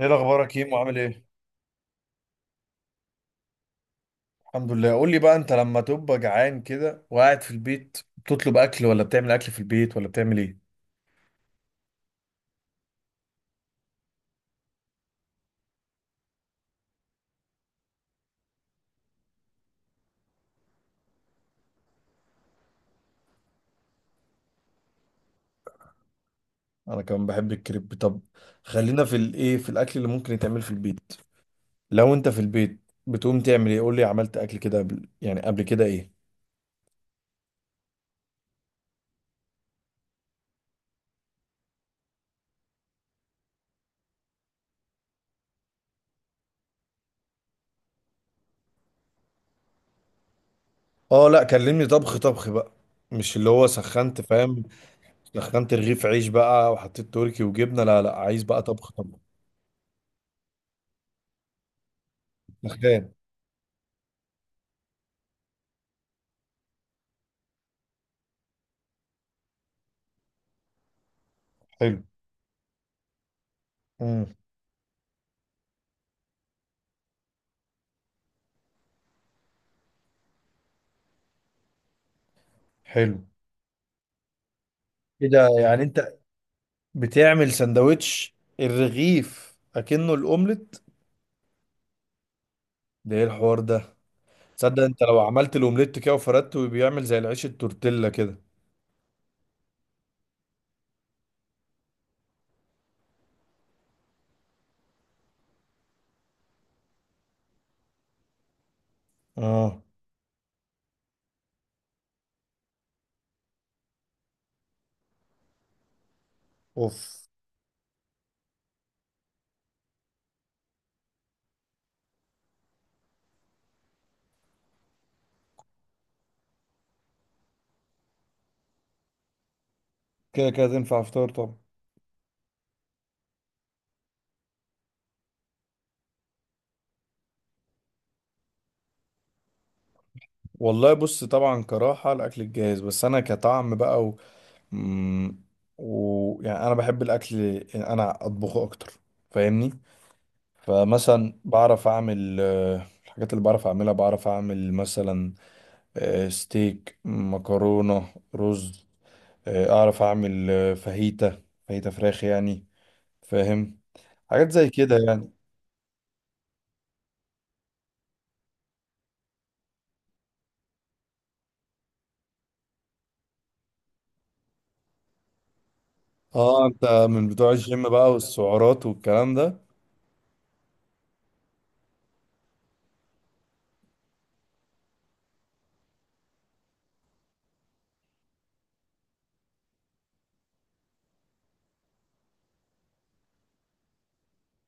ايه الاخبار يا كيمو؟ عامل ايه؟ الحمد لله. قول لي بقى، انت لما تبقى جعان كده وقاعد في البيت، بتطلب اكل ولا بتعمل اكل في البيت ولا بتعمل ايه؟ انا كمان بحب الكريب. طب خلينا في الايه، في الاكل اللي ممكن يتعمل في البيت. لو انت في البيت بتقوم تعمل ايه؟ قول لي، عملت اكل كده قبل؟ يعني قبل كده ايه؟ اه لا، كلمني طبخ طبخ بقى، مش اللي هو سخنت، فاهم؟ سخنت رغيف عيش بقى وحطيت تركي وجبنه. لا لا، عايز بقى طبخ طبخ. سخان. حلو. امم حلو. كده يعني انت بتعمل سندوتش الرغيف اكنه الاومليت؟ ده ايه الحوار ده؟ تصدق انت لو عملت الاومليت كده وفردته بيعمل زي العيش التورتيلا كده. اه، اوف. كده كده تنفع فطار طبعا. والله بص، طبعا كراحة الاكل الجاهز، بس انا كطعم بقى مم، يعني انا بحب الاكل إن انا اطبخه اكتر، فاهمني؟ فمثلا بعرف اعمل الحاجات اللي بعرف اعملها. بعرف اعمل مثلا ستيك، مكرونة، رز. اعرف اعمل فاهيتا، فاهيتا فراخ يعني، فاهم؟ حاجات زي كده يعني. اه، انت من بتوع الجيم بقى والسعرات والكلام ده.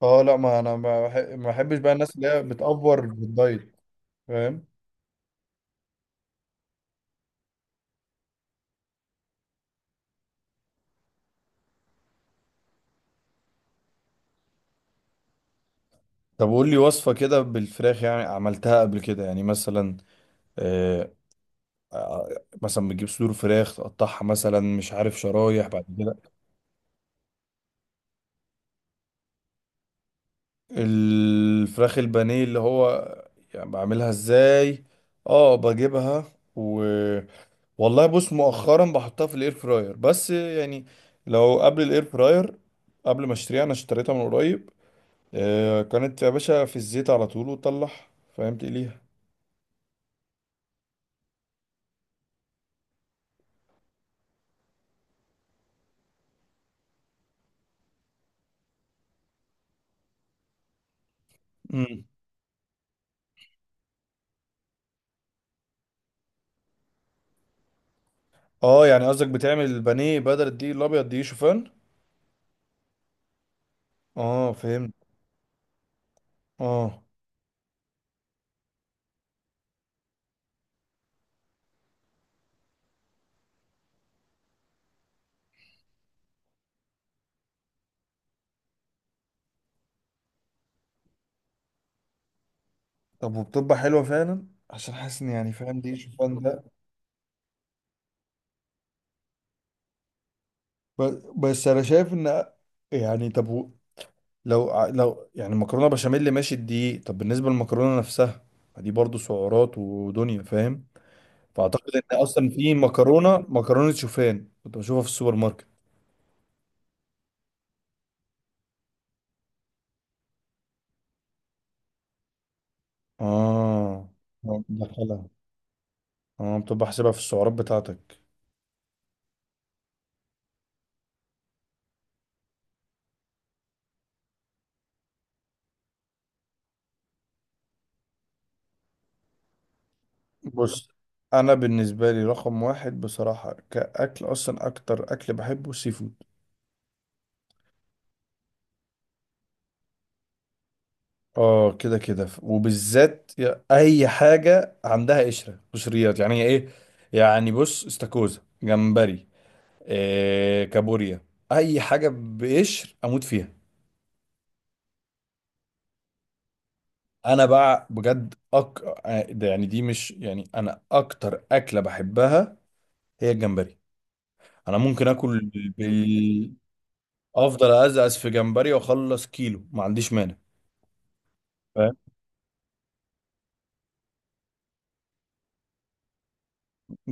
اه لا، ما انا ما بحبش بقى الناس اللي هي بتأفور بالدايت، فاهم؟ طب قول لي وصفة كده بالفراخ، يعني عملتها قبل كده يعني مثلا. آه. مثلا بتجيب صدور فراخ تقطعها مثلا، مش عارف، شرايح بعد كده. الفراخ البانيه اللي هو، يعني بعملها ازاي؟ اه بجيبها. والله بص، مؤخرا بحطها في الاير فراير، بس يعني لو قبل الاير فراير، قبل ما اشتريها، انا اشتريتها من قريب، آه كانت يا باشا في الزيت على طول وتطلع، فاهم، تقليها. امم اه، يعني قصدك بتعمل البانيه بدل الدقيق الابيض دي شوفان؟ اه فهمت. اه، طب وبتبقى حلوه فعلا؟ عشان حاسس ان يعني، فاهم، دي شوفان ده. بس انا شايف ان، يعني لو لو يعني مكرونه بشاميل ماشي الدقيق، طب بالنسبه للمكرونه نفسها؟ ما دي برضو سعرات ودنيا، فاهم؟ فاعتقد ان اصلا في مكرونه، مكرونه شوفان كنت بشوفها في السوبر ماركت. اه، مدخلها. اه، بتبقى حاسبها في السعرات بتاعتك. بص، انا بالنسبه لي رقم واحد بصراحه كاكل، اصلا اكتر اكل بحبه السي فود. اه كده كده، وبالذات اي حاجه عندها قشره، قشريات يعني ايه، يعني بص، استاكوزا، جمبري، إيه، كابوريا، اي حاجه بقشر اموت فيها. انا بقى بجد ده يعني، دي مش يعني، انا اكتر اكله بحبها هي الجمبري. انا ممكن اكل بال... افضل ازقز في جمبري واخلص كيلو، ما عنديش مانع، فاهم؟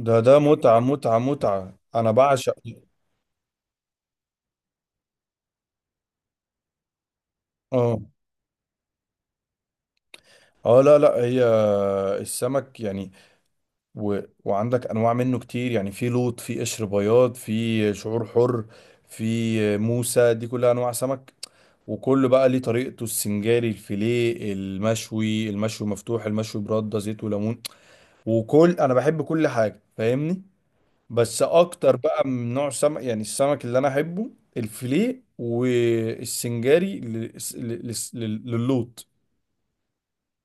ده ده متعه، متعه، متعه، انا بعشق. اه اه، لا لا، هي السمك يعني و... وعندك انواع منه كتير يعني، في لوط، في قشر بياض، في شعور حر، في موسى، دي كلها انواع سمك. وكله بقى ليه طريقته، السنجاري، الفيليه، المشوي، المشوي مفتوح، المشوي برده زيت وليمون. وكل، انا بحب كل حاجه، فاهمني؟ بس اكتر بقى من نوع سمك، يعني السمك اللي انا احبه الفيليه والسنجاري للوط.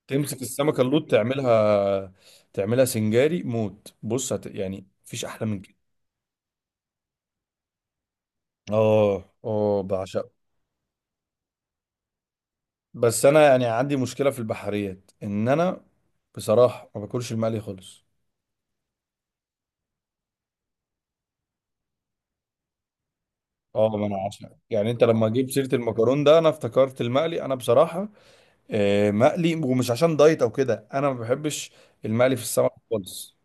تمسك السمكه اللوط تعملها، تعملها سنجاري، موت. بص يعني مفيش احلى من كده. اه اه، بعشقه. بس انا يعني عندي مشكله في البحريات، ان انا بصراحه ما باكلش المقلي خالص. اه، ما انا عشان يعني انت لما جبت سيره المكرون ده، انا افتكرت المقلي. انا بصراحه مقلي، ومش عشان دايت او كده، انا ما بحبش المقلي في السمك خالص.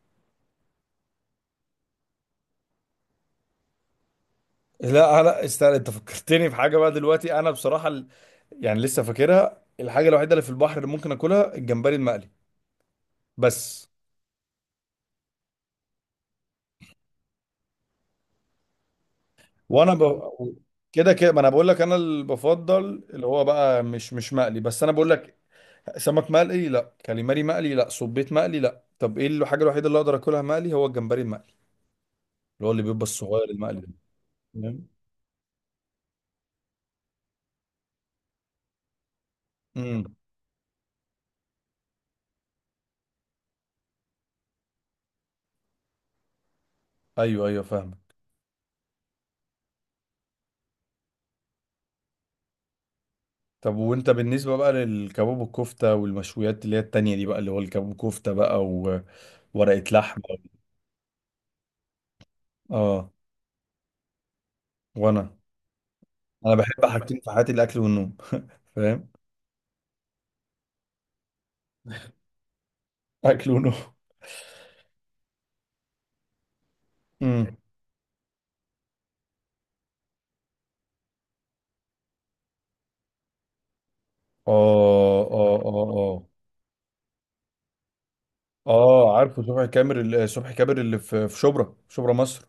لا لا استنى، انت فكرتني في حاجه بقى دلوقتي. انا بصراحه يعني لسه فاكرها، الحاجه الوحيده اللي في البحر اللي ممكن اكلها الجمبري المقلي بس. وانا ب... كده كده، ما انا بقول لك انا اللي بفضل اللي هو بقى مش، مش مقلي، بس انا بقول لك سمك مقلي لا، كاليماري مقلي لا، صبيت مقلي لا، طب ايه الحاجه الوحيده اللي اقدر اكلها مقلي؟ هو الجمبري المقلي، اللي هو اللي بيبقى الصغير المقلي. تمام. امم ايوه ايوه، فاهمك. طب وانت بالنسبه بقى للكباب والكفته والمشويات اللي هي التانية دي بقى، اللي هو الكباب وكفته بقى، وورقه لحمه. اه، وانا انا بحب حاجتين في حياتي، الاكل والنوم، فاهم؟ اكل ونوم. امم اه اه اه اه. اه عارفه، صبحي كامر صبحي كامر اللي في شبرا، شبرا مصر.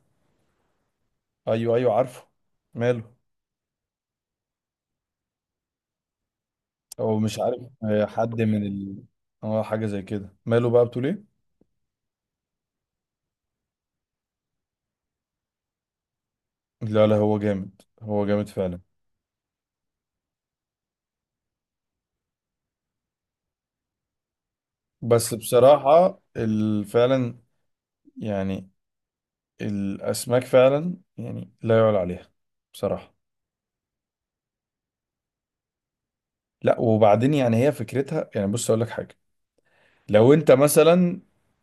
ايوه ايوه عارفه. ماله؟ او مش عارف، حد من اه، حاجه زي كده. ماله بقى؟ بتقول ايه؟ لا لا، هو جامد، هو جامد فعلا. بس بصراحة فعلا يعني، الأسماك فعلا يعني لا يعلى عليها بصراحة. لا، وبعدين يعني هي فكرتها يعني، بص أقول لك حاجة، لو أنت مثلا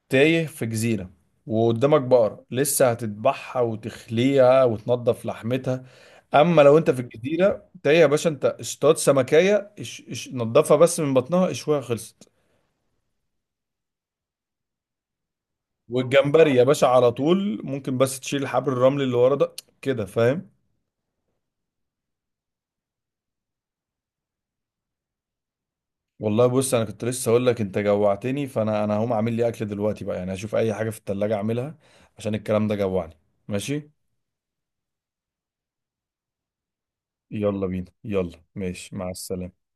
تايه في جزيرة وقدامك بقرة، لسه هتذبحها وتخليها وتنضف لحمتها. أما لو أنت في الجزيرة تايه يا باشا، أنت اصطاد سمكية، اش اش نضفها بس من بطنها، اشويها، خلصت. والجمبري يا باشا على طول ممكن، بس تشيل الحبر، الرمل اللي ورا ده، كده، فاهم. والله بص، انا كنت لسه اقول لك انت جوعتني، فانا هقوم اعمل لي اكل دلوقتي بقى، يعني هشوف اي حاجه في التلاجة اعملها، عشان الكلام ده جوعني. ماشي، يلا بينا، يلا، ماشي، مع السلامه.